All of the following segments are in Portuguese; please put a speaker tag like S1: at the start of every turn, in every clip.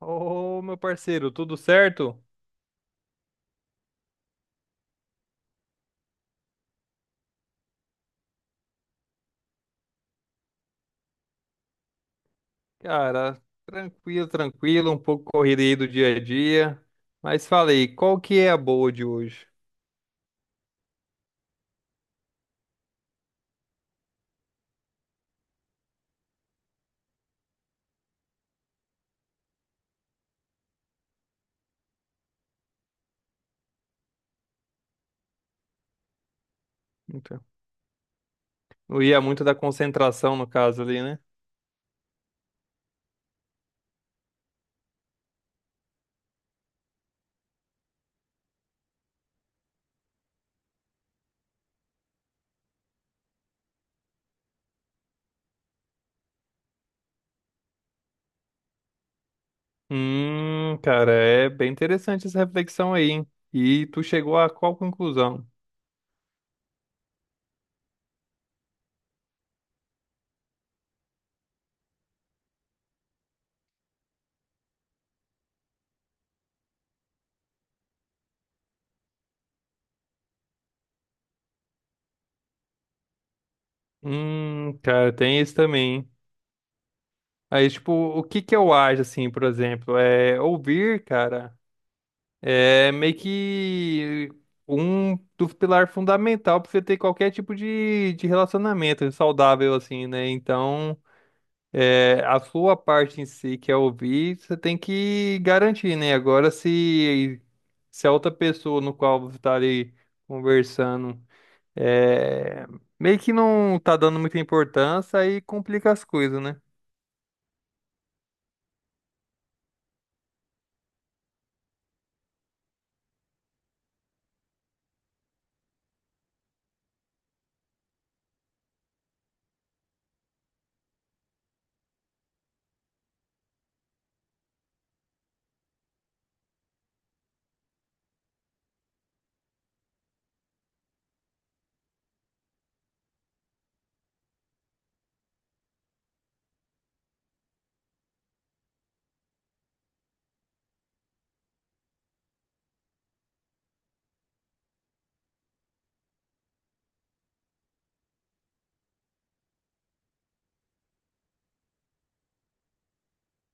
S1: Ô, meu parceiro, tudo certo? Cara, tranquilo, tranquilo, um pouco corrido aí do dia a dia. Mas falei, qual que é a boa de hoje? Então, não ia muito da concentração, no caso ali, né? Cara, é bem interessante essa reflexão aí, hein? E tu chegou a qual conclusão? Cara, tem isso também. Hein? Aí, tipo, o que que eu acho, assim, por exemplo, é ouvir, cara. É meio que um dos pilares fundamental para você ter qualquer tipo de, relacionamento saudável, assim, né? Então, é, a sua parte em si, que é ouvir, você tem que garantir, né? Agora, se a outra pessoa no qual você está ali conversando é, meio que não tá dando muita importância, aí complica as coisas, né?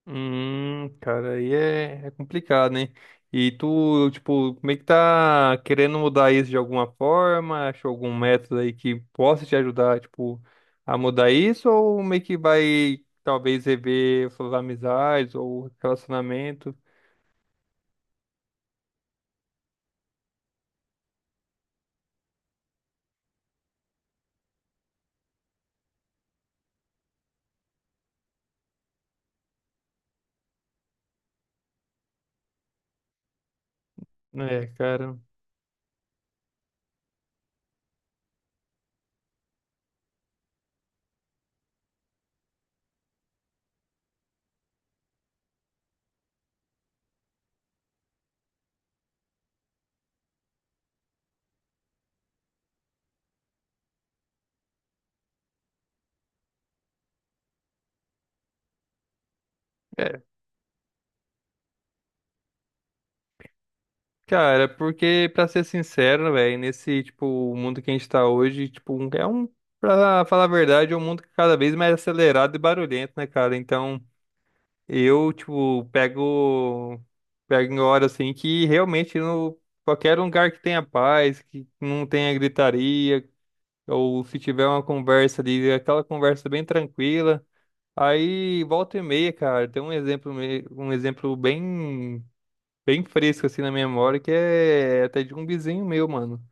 S1: Cara, aí é, é complicado, hein? E tu, tipo, como é que tá querendo mudar isso de alguma forma? Achou algum método aí que possa te ajudar, tipo, a mudar isso? Ou meio que vai, talvez, rever suas amizades ou relacionamento? É, cara. É, cara, porque, pra ser sincero, velho, nesse, tipo, mundo que a gente tá hoje, tipo, é um, pra falar a verdade, é um mundo que é cada vez mais acelerado e barulhento, né, cara? Então. Eu, tipo, pego em hora assim que realmente no qualquer lugar que tenha paz, que não tenha gritaria, ou se tiver uma conversa ali, aquela conversa bem tranquila. Aí volta e meia, cara, tem um exemplo, um exemplo bem, bem fresco assim na minha memória, que é até de um vizinho meu, mano.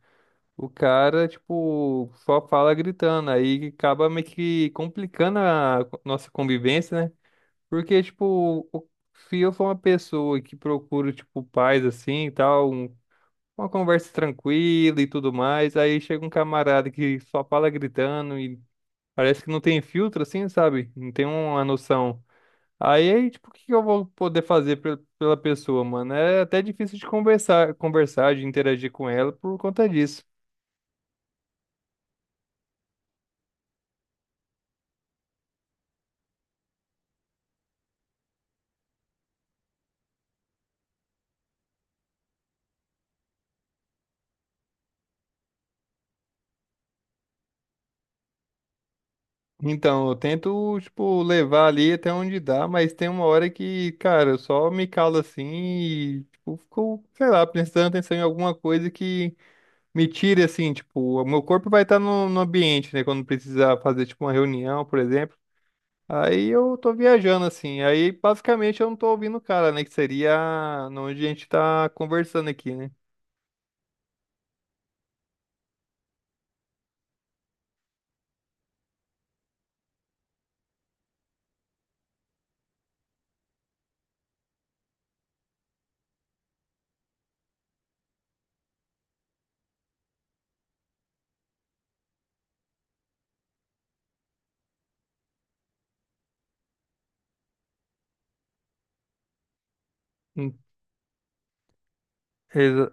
S1: O cara, tipo, só fala gritando, aí acaba meio que complicando a nossa convivência, né? Porque, tipo, se eu for uma pessoa que procura, tipo, paz assim e tal, uma conversa tranquila e tudo mais, aí chega um camarada que só fala gritando e parece que não tem filtro, assim, sabe? Não tem uma noção. Aí, tipo, o que que eu vou poder fazer pela pessoa, mano? É até difícil de conversar, conversar, de interagir com ela por conta disso. Então, eu tento, tipo, levar ali até onde dá, mas tem uma hora que, cara, eu só me calo assim e, tipo, fico, sei lá, prestando atenção em alguma coisa que me tire, assim, tipo, o meu corpo vai estar no ambiente, né, quando precisar fazer, tipo, uma reunião, por exemplo. Aí eu tô viajando, assim, aí basicamente eu não tô ouvindo o cara, né, que seria onde a gente tá conversando aqui, né? Hum, exa-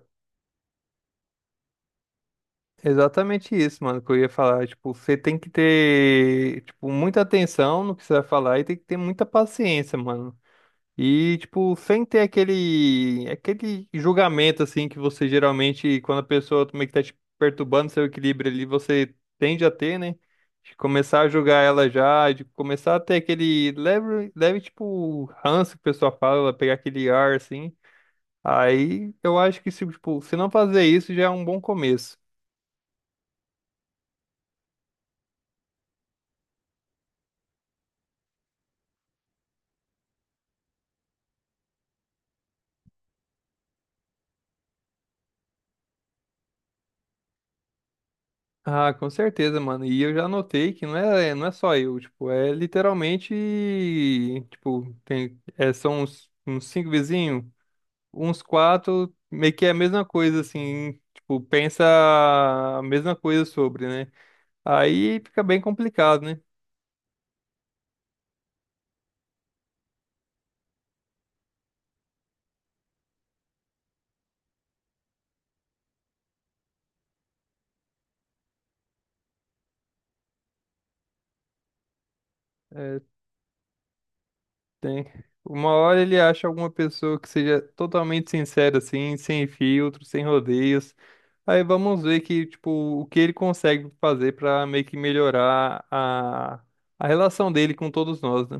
S1: Exatamente isso, mano, que eu ia falar. Tipo, você tem que ter, tipo, muita atenção no que você vai falar e tem que ter muita paciência, mano. E, tipo, sem ter aquele julgamento, assim, que você geralmente, quando a pessoa meio que tá te perturbando seu equilíbrio ali, você tende a ter, né? De começar a julgar ela já, de começar a ter aquele leve, leve, tipo, ranço que o pessoal fala, pegar aquele ar, assim. Aí eu acho que, se, tipo, se não fazer isso, já é um bom começo. Ah, com certeza, mano. E eu já notei que não é só eu, tipo, é literalmente, tipo, tem, é, são uns, uns cinco vizinhos, uns quatro, meio que é a mesma coisa, assim, tipo, pensa a mesma coisa sobre, né? Aí fica bem complicado, né? É, tem, uma hora ele acha alguma pessoa que seja totalmente sincera, assim, sem filtro, sem rodeios. Aí vamos ver que, tipo, o que ele consegue fazer pra meio que melhorar a relação dele com todos nós, né?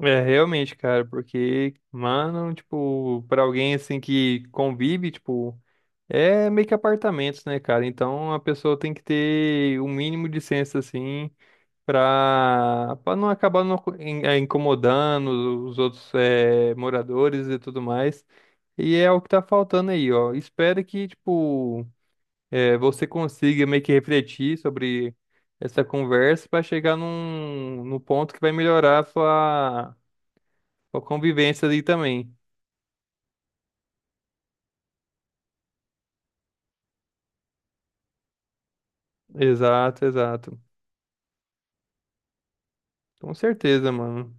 S1: É, realmente, cara, porque, mano, tipo, pra alguém assim que convive, tipo, é meio que apartamentos, né, cara? Então a pessoa tem que ter o mínimo de senso, assim, pra não acabar não incomodando os outros moradores e tudo mais. E é o que tá faltando aí, ó. Espero que, tipo. É, você consiga meio que refletir sobre essa conversa para chegar num, num ponto que vai melhorar a sua, sua convivência ali também. Exato, exato. Com certeza, mano.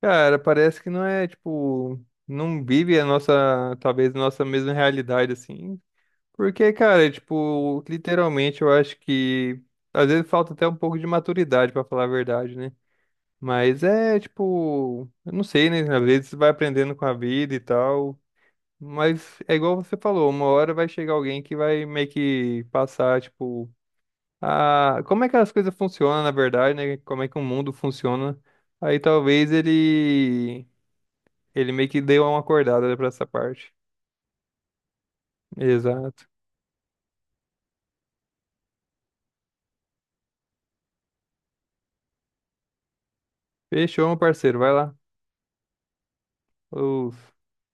S1: Cara, parece que não é, tipo, não vive a nossa, talvez, a nossa mesma realidade, assim. Porque, cara, tipo, literalmente eu acho que às vezes falta até um pouco de maturidade, pra falar a verdade, né? Mas é, tipo, eu não sei, né? Às vezes você vai aprendendo com a vida e tal. Mas é igual você falou, uma hora vai chegar alguém que vai meio que passar, tipo, a... Como é que as coisas funcionam, na verdade, né? Como é que o mundo funciona. Aí talvez ele meio que deu uma acordada pra essa parte. Exato. Fechou, meu parceiro. Vai lá. Os-